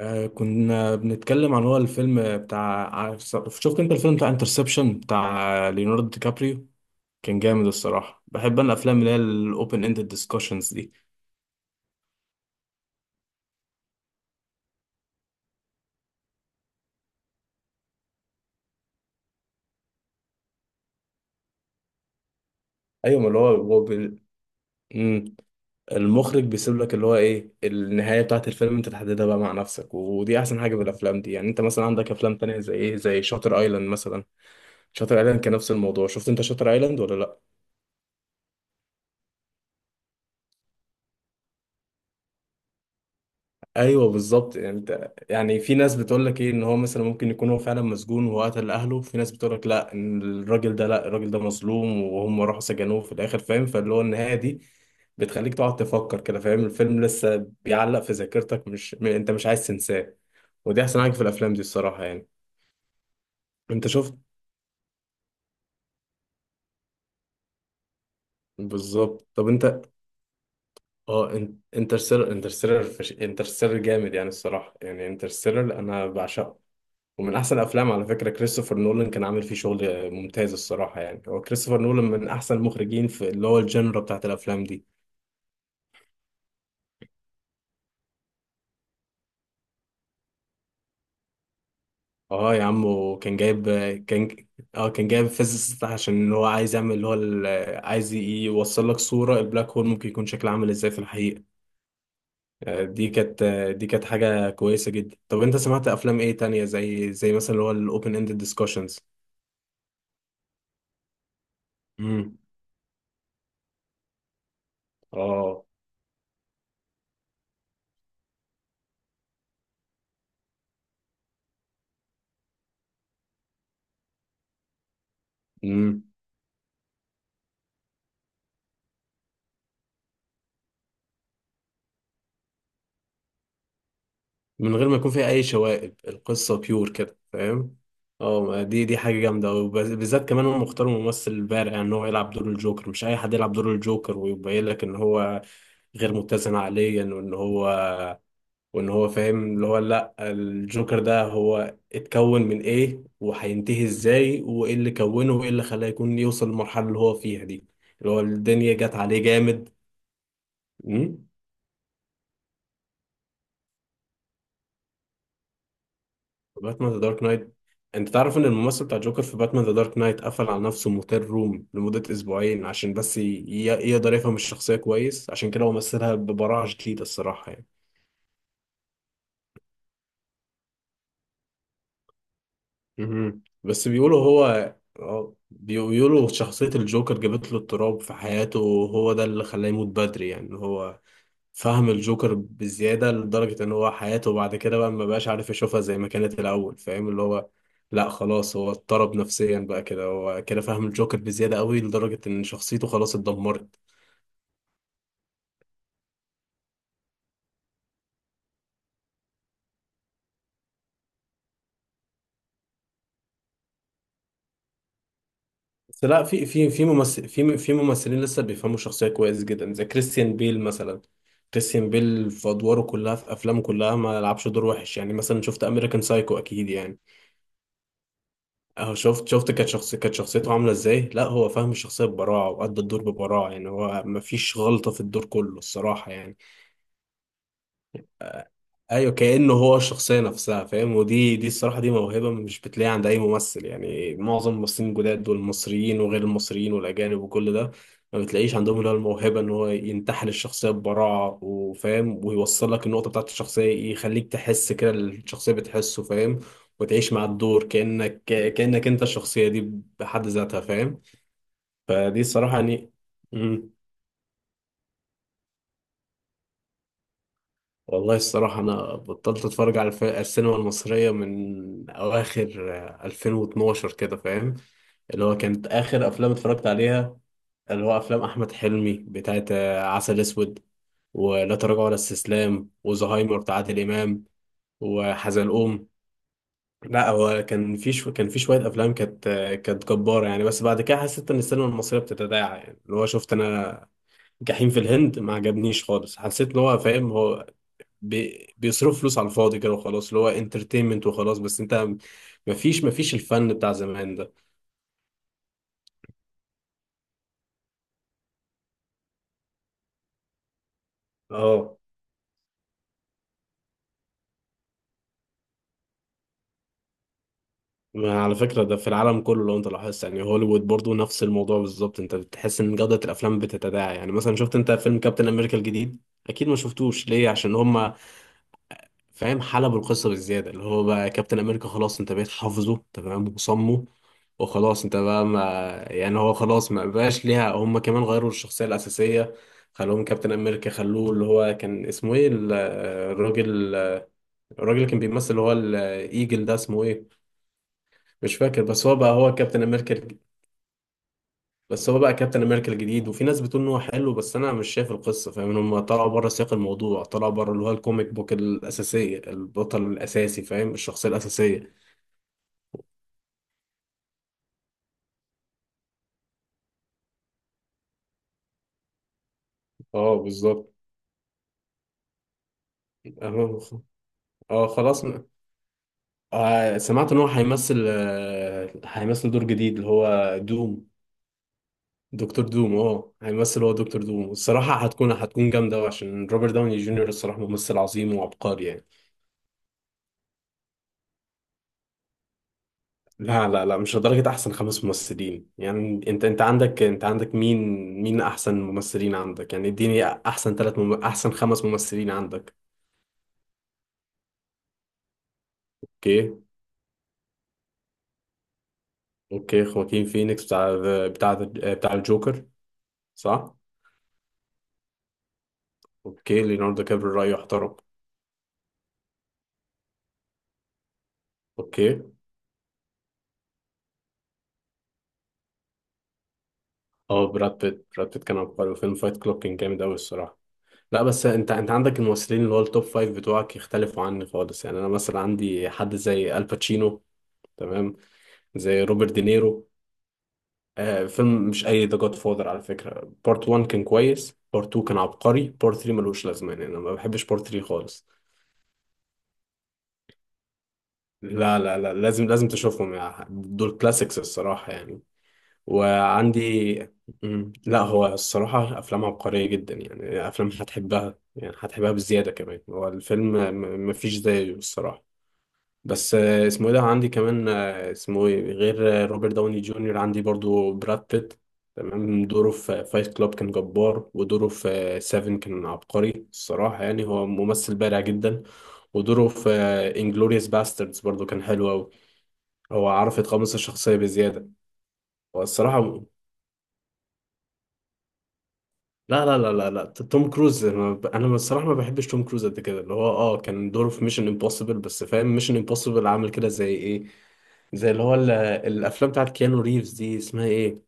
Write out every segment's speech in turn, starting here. كنا بنتكلم عن هو الفيلم بتاع شفت انت الفيلم بتاع انترسبشن بتاع ليوناردو دي كابريو. كان جامد الصراحة، بحب انا الافلام اللي هي الاوبن اندد ديسكشنز دي. ايوه، ما اللي هو مم. المخرج بيسيب لك اللي هو ايه النهاية بتاعت الفيلم، انت تحددها بقى مع نفسك. ودي احسن حاجة بالافلام دي، يعني انت مثلا عندك افلام تانية زي ايه، زي شاتر ايلاند مثلا. شاتر ايلاند كان نفس الموضوع، شفت انت شاتر ايلاند ولا لا؟ ايوه بالظبط. يعني انت يعني في ناس بتقول لك ايه ان هو مثلا ممكن يكون هو فعلا مسجون وهو قتل اهله، في ناس بتقول لك لا، ان الراجل ده لا الراجل ده مظلوم وهم راحوا سجنوه في الاخر، فاهم؟ فاللي هو النهايه دي بتخليك تقعد تفكر كده، فاهم؟ الفيلم لسه بيعلق في ذاكرتك، مش انت مش عايز تنساه. ودي احسن حاجه في الافلام دي الصراحه يعني. انت شفت. بالظبط طب انت. اه انت انترستيلر انترستيلر جامد يعني الصراحه، يعني انترستيلر انا بعشقه. ومن احسن افلام، على فكره كريستوفر نولان كان عامل فيه شغل ممتاز الصراحه يعني. هو كريستوفر نولان من احسن المخرجين في اللي هو الجنرا بتاعت الافلام دي. اه يا عم، وكان جايب. كان اه كان جايب فيزيست، عشان هو عايز يعمل اللي هو عايز ي- يوصل لك صوره البلاك هول ممكن يكون شكله عامل ازاي في الحقيقه. دي كانت، دي كانت حاجه كويسه جدا. طب انت سمعت افلام ايه تانية، زي مثلا اللي هو الاوبن اند ديسكشنز؟ امم اه. من غير ما يكون فيها اي شوائب، القصه بيور كده، فاهم؟ اه، ما دي حاجه جامده، وبالذات كمان هم اختاروا ممثل بارع ان هو يلعب دور الجوكر، مش اي حد يلعب دور الجوكر، ويبين لك ان هو غير متزن عقليا، وان هو فاهم اللي هو، لا الجوكر ده هو اتكون من ايه وهينتهي ازاي وايه اللي كونه وايه اللي خلاه يكون يوصل للمرحله اللي هو فيها دي. اللي هو الدنيا جت عليه جامد. باتمان ذا دارك نايت. انت تعرف ان الممثل بتاع جوكر في باتمان ذا دارك نايت قفل على نفسه موتيل روم لمدة اسبوعين، عشان بس يقدر يفهم الشخصية كويس، عشان كده هو مثلها ببراعة شديدة الصراحة يعني. مهم. بس بيقولوا هو بيقولوا شخصية الجوكر جابت له اضطراب في حياته، وهو ده اللي خلاه يموت بدري. يعني هو فهم الجوكر بزيادة، لدرجة إن هو حياته بعد كده بقى ما بقاش عارف يشوفها زي ما كانت الأول. فاهم اللي هو؟ لا خلاص، هو اضطرب نفسيا بقى كده، هو كده فاهم الجوكر بزيادة قوي، لدرجة إن شخصيته خلاص اتدمرت. بس لا، في ممثل، في ممثلين لسه بيفهموا الشخصية كويس جدا، زي كريستيان بيل مثلا. كريستيان بيل في أدواره كلها، في أفلامه كلها، ما لعبش دور وحش. يعني مثلا شفت أمريكان سايكو أكيد يعني. اه، شفت كانت شخص، كانت شخصيته عامله ازاي. لا هو فاهم الشخصيه ببراعه، وأدى الدور ببراعه يعني، هو مفيش غلطه في الدور كله الصراحه يعني. ايوه كأنه هو الشخصيه نفسها، فاهم؟ ودي الصراحه دي موهبه مش بتلاقيها عند اي ممثل يعني. معظم الممثلين الجداد والمصريين وغير المصريين والاجانب وكل ده ما بتلاقيش عندهم اللي هو الموهبه ان هو ينتحل الشخصيه ببراعه وفاهم ويوصل لك النقطه بتاعت الشخصيه، يخليك تحس كده اللي الشخصيه بتحسه، فاهم؟ وتعيش مع الدور كأنك انت الشخصيه دي بحد ذاتها، فاهم؟ فدي الصراحة يعني. مم. والله الصراحة أنا بطلت أتفرج على السينما المصرية من أواخر 2012 كده فاهم. اللي هو كانت آخر أفلام اتفرجت عليها اللي هو أفلام أحمد حلمي بتاعت عسل أسود، ولا تراجع ولا استسلام، وزهايمر بتاع عادل إمام، وحزلقوم. لا هو كان في كان في شوية أفلام كانت كانت جبارة يعني، بس بعد كده حسيت إن السينما المصرية بتتداعى يعني. اللي هو شفت أنا جحيم في الهند، ما عجبنيش خالص. حسيت ان هو فاهم، هو بيصرف فلوس على الفاضي كده، وخلاص اللي هو انترتينمنت وخلاص بس انت. مفيش الفن بتاع زمان ده. اه ما، على فكرة ده في العالم كله لو انت لاحظت يعني، هوليوود برضو نفس الموضوع بالظبط، انت بتحس ان جودة الافلام بتتداعى يعني. مثلا شفت انت فيلم كابتن امريكا الجديد؟ اكيد ما شفتوش، ليه؟ عشان هم فاهم حلب القصه بالزياده، اللي هو بقى كابتن امريكا خلاص، انت بقيت حافظه تمام وصمه، وخلاص انت بقى ما. يعني هو خلاص ما بقاش ليها هم. كمان غيروا الشخصيه الاساسيه، خلوهم كابتن امريكا، خلوه اللي هو كان اسمه ايه الراجل الراجل اللي كان بيمثل اللي هو الايجل ده اسمه ايه؟ مش فاكر، بس هو بقى هو كابتن امريكا بس هو بقى كابتن امريكا الجديد. وفي ناس بتقول ان هو حلو، بس انا مش شايف القصه، فاهم؟ هم طلعوا بره سياق الموضوع، طلعوا بره اللي هو الكوميك بوك الاساسيه، البطل الاساسي فاهم، الشخصيه الاساسيه. اه بالظبط. اه. خلاص. آه سمعت ان هو هيمثل هيمثل دور جديد، اللي هو دوم. دكتور دوم، اه، هيمثل هو دكتور دوم. الصراحة هتكون، هتكون جامدة أوي، عشان روبرت داوني جونيور الصراحة ممثل عظيم وعبقري يعني. لا لا لا، مش لدرجة أحسن خمس ممثلين يعني. أنت عندك، أنت عندك مين، مين أحسن ممثلين عندك يعني؟ اديني أحسن ثلاث أحسن خمس ممثلين عندك. أوكي. أوكي خواكين فينيكس، بتاع بتاع الجوكر. صح؟ اوكي ليوناردو كابري رأيه احترم. اوكي. اه براد بيت، كان عبقري، وفيلم فايت كلوب كان جامد قوي الصراحة. لا بس انت، عندك الممثلين اللي هو التوب فايف بتوعك يختلفوا عني خالص يعني. انا مثلا عندي حد زي الباتشينو، تمام؟ زي روبرت دينيرو. آه فيلم، مش اي ذا جاد فاذر على فكرة، بارت 1 كان كويس، بارت 2 كان عبقري، بارت 3 ملوش لازمة يعني. انا ما بحبش بارت 3 خالص. لا لا لا، لازم، لازم تشوفهم يعني، دول كلاسيكس الصراحة يعني. وعندي. مم. لا هو الصراحة أفلام عبقرية جدا يعني، أفلام هتحبها يعني هتحبها بزيادة كمان، هو الفيلم مفيش زيه الصراحة. بس اسمه إيه، ده عندي كمان اسمه إيه غير روبرت داوني جونيور؟ عندي برضو براد بيت، تمام. دوره في فايت كلاب كان جبار، ودوره في سيفن كان عبقري الصراحة يعني، هو ممثل بارع جدا. ودوره في انجلوريوس باستردز برضو كان حلو أوي. هو عرف يتقمص الشخصية بزيادة. هو الصراحة. لا لا لا لا لا، توم كروز انا أنا الصراحه ما بحبش توم كروز قد كده، اللي هو اه كان دوره في ميشن امبوسيبل بس، فاهم؟ ميشن امبوسيبل عامل كده زي ايه، زي اللي هو الافلام بتاعت كيانو ريفز دي اسمها ايه؟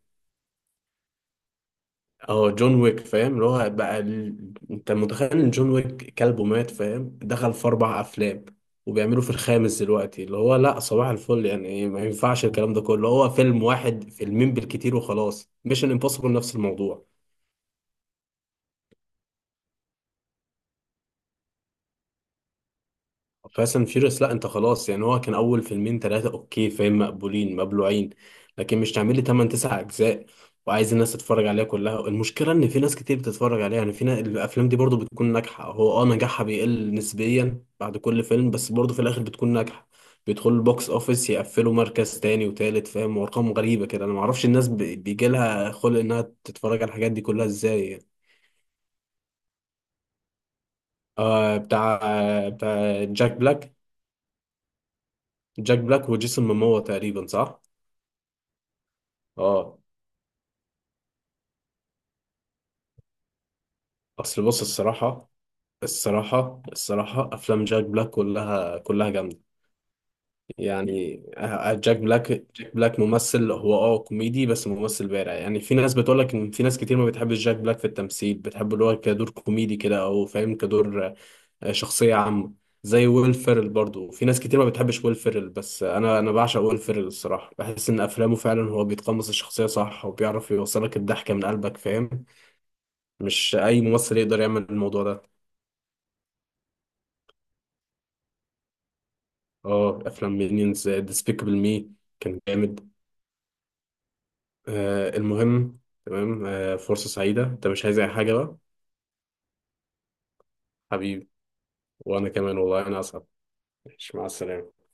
اه جون ويك، فاهم اللي هو بقى انت متخيل ان جون ويك كلبه مات، فاهم؟ دخل في اربع افلام، وبيعملوا في الخامس دلوقتي، اللي هو لا صباح الفل يعني إيه، ما ينفعش الكلام ده كله. هو فيلم واحد، فيلمين بالكتير وخلاص. ميشن امبوسيبل نفس الموضوع. فاست اند فيوريوس لا، انت خلاص يعني هو كان اول فيلمين ثلاثه اوكي فاهم، مقبولين مبلوعين. لكن مش تعمل لي 8 9 اجزاء وعايز الناس تتفرج عليها كلها. المشكله ان في ناس كتير بتتفرج عليها يعني، في الافلام دي برضو بتكون ناجحه. هو اه نجاحها بيقل نسبيا بعد كل فيلم، بس برضو في الاخر بتكون ناجحه، بيدخلوا البوكس اوفيس يقفلوا مركز تاني وتالت، فاهم؟ وارقام غريبه كده، انا ما اعرفش الناس بيجي لها خلق انها تتفرج على الحاجات دي كلها ازاي يعني. آه بتاع، جاك بلاك. جاك بلاك وجيسون ماموا تقريبا صح. اه. اصل بص الصراحه، الصراحه افلام جاك بلاك كلها كلها جامده يعني. جاك بلاك ممثل هو اه كوميدي، بس ممثل بارع يعني. في ناس بتقول لك ان في ناس كتير ما بتحبش جاك بلاك في التمثيل، بتحب اللي هو كدور كوميدي كده او فاهم كدور، شخصيه عامه. زي ويل فيرل برضه في ناس كتير ما بتحبش ويل فيرل، بس انا بعشق ويل فيرل الصراحه، بحس ان افلامه فعلا هو بيتقمص الشخصيه صح، وبيعرف يوصلك الضحكه من قلبك، فاهم؟ مش اي ممثل يقدر يعمل الموضوع ده. اه افلام مينيونز ديسبيكابل مي كان جامد. آه المهم. تمام، آه فرصة سعيدة، انت مش عايز اي حاجة بقى؟ حبيبي. وانا كمان والله انا اسعد. ماشي، مع السلامة.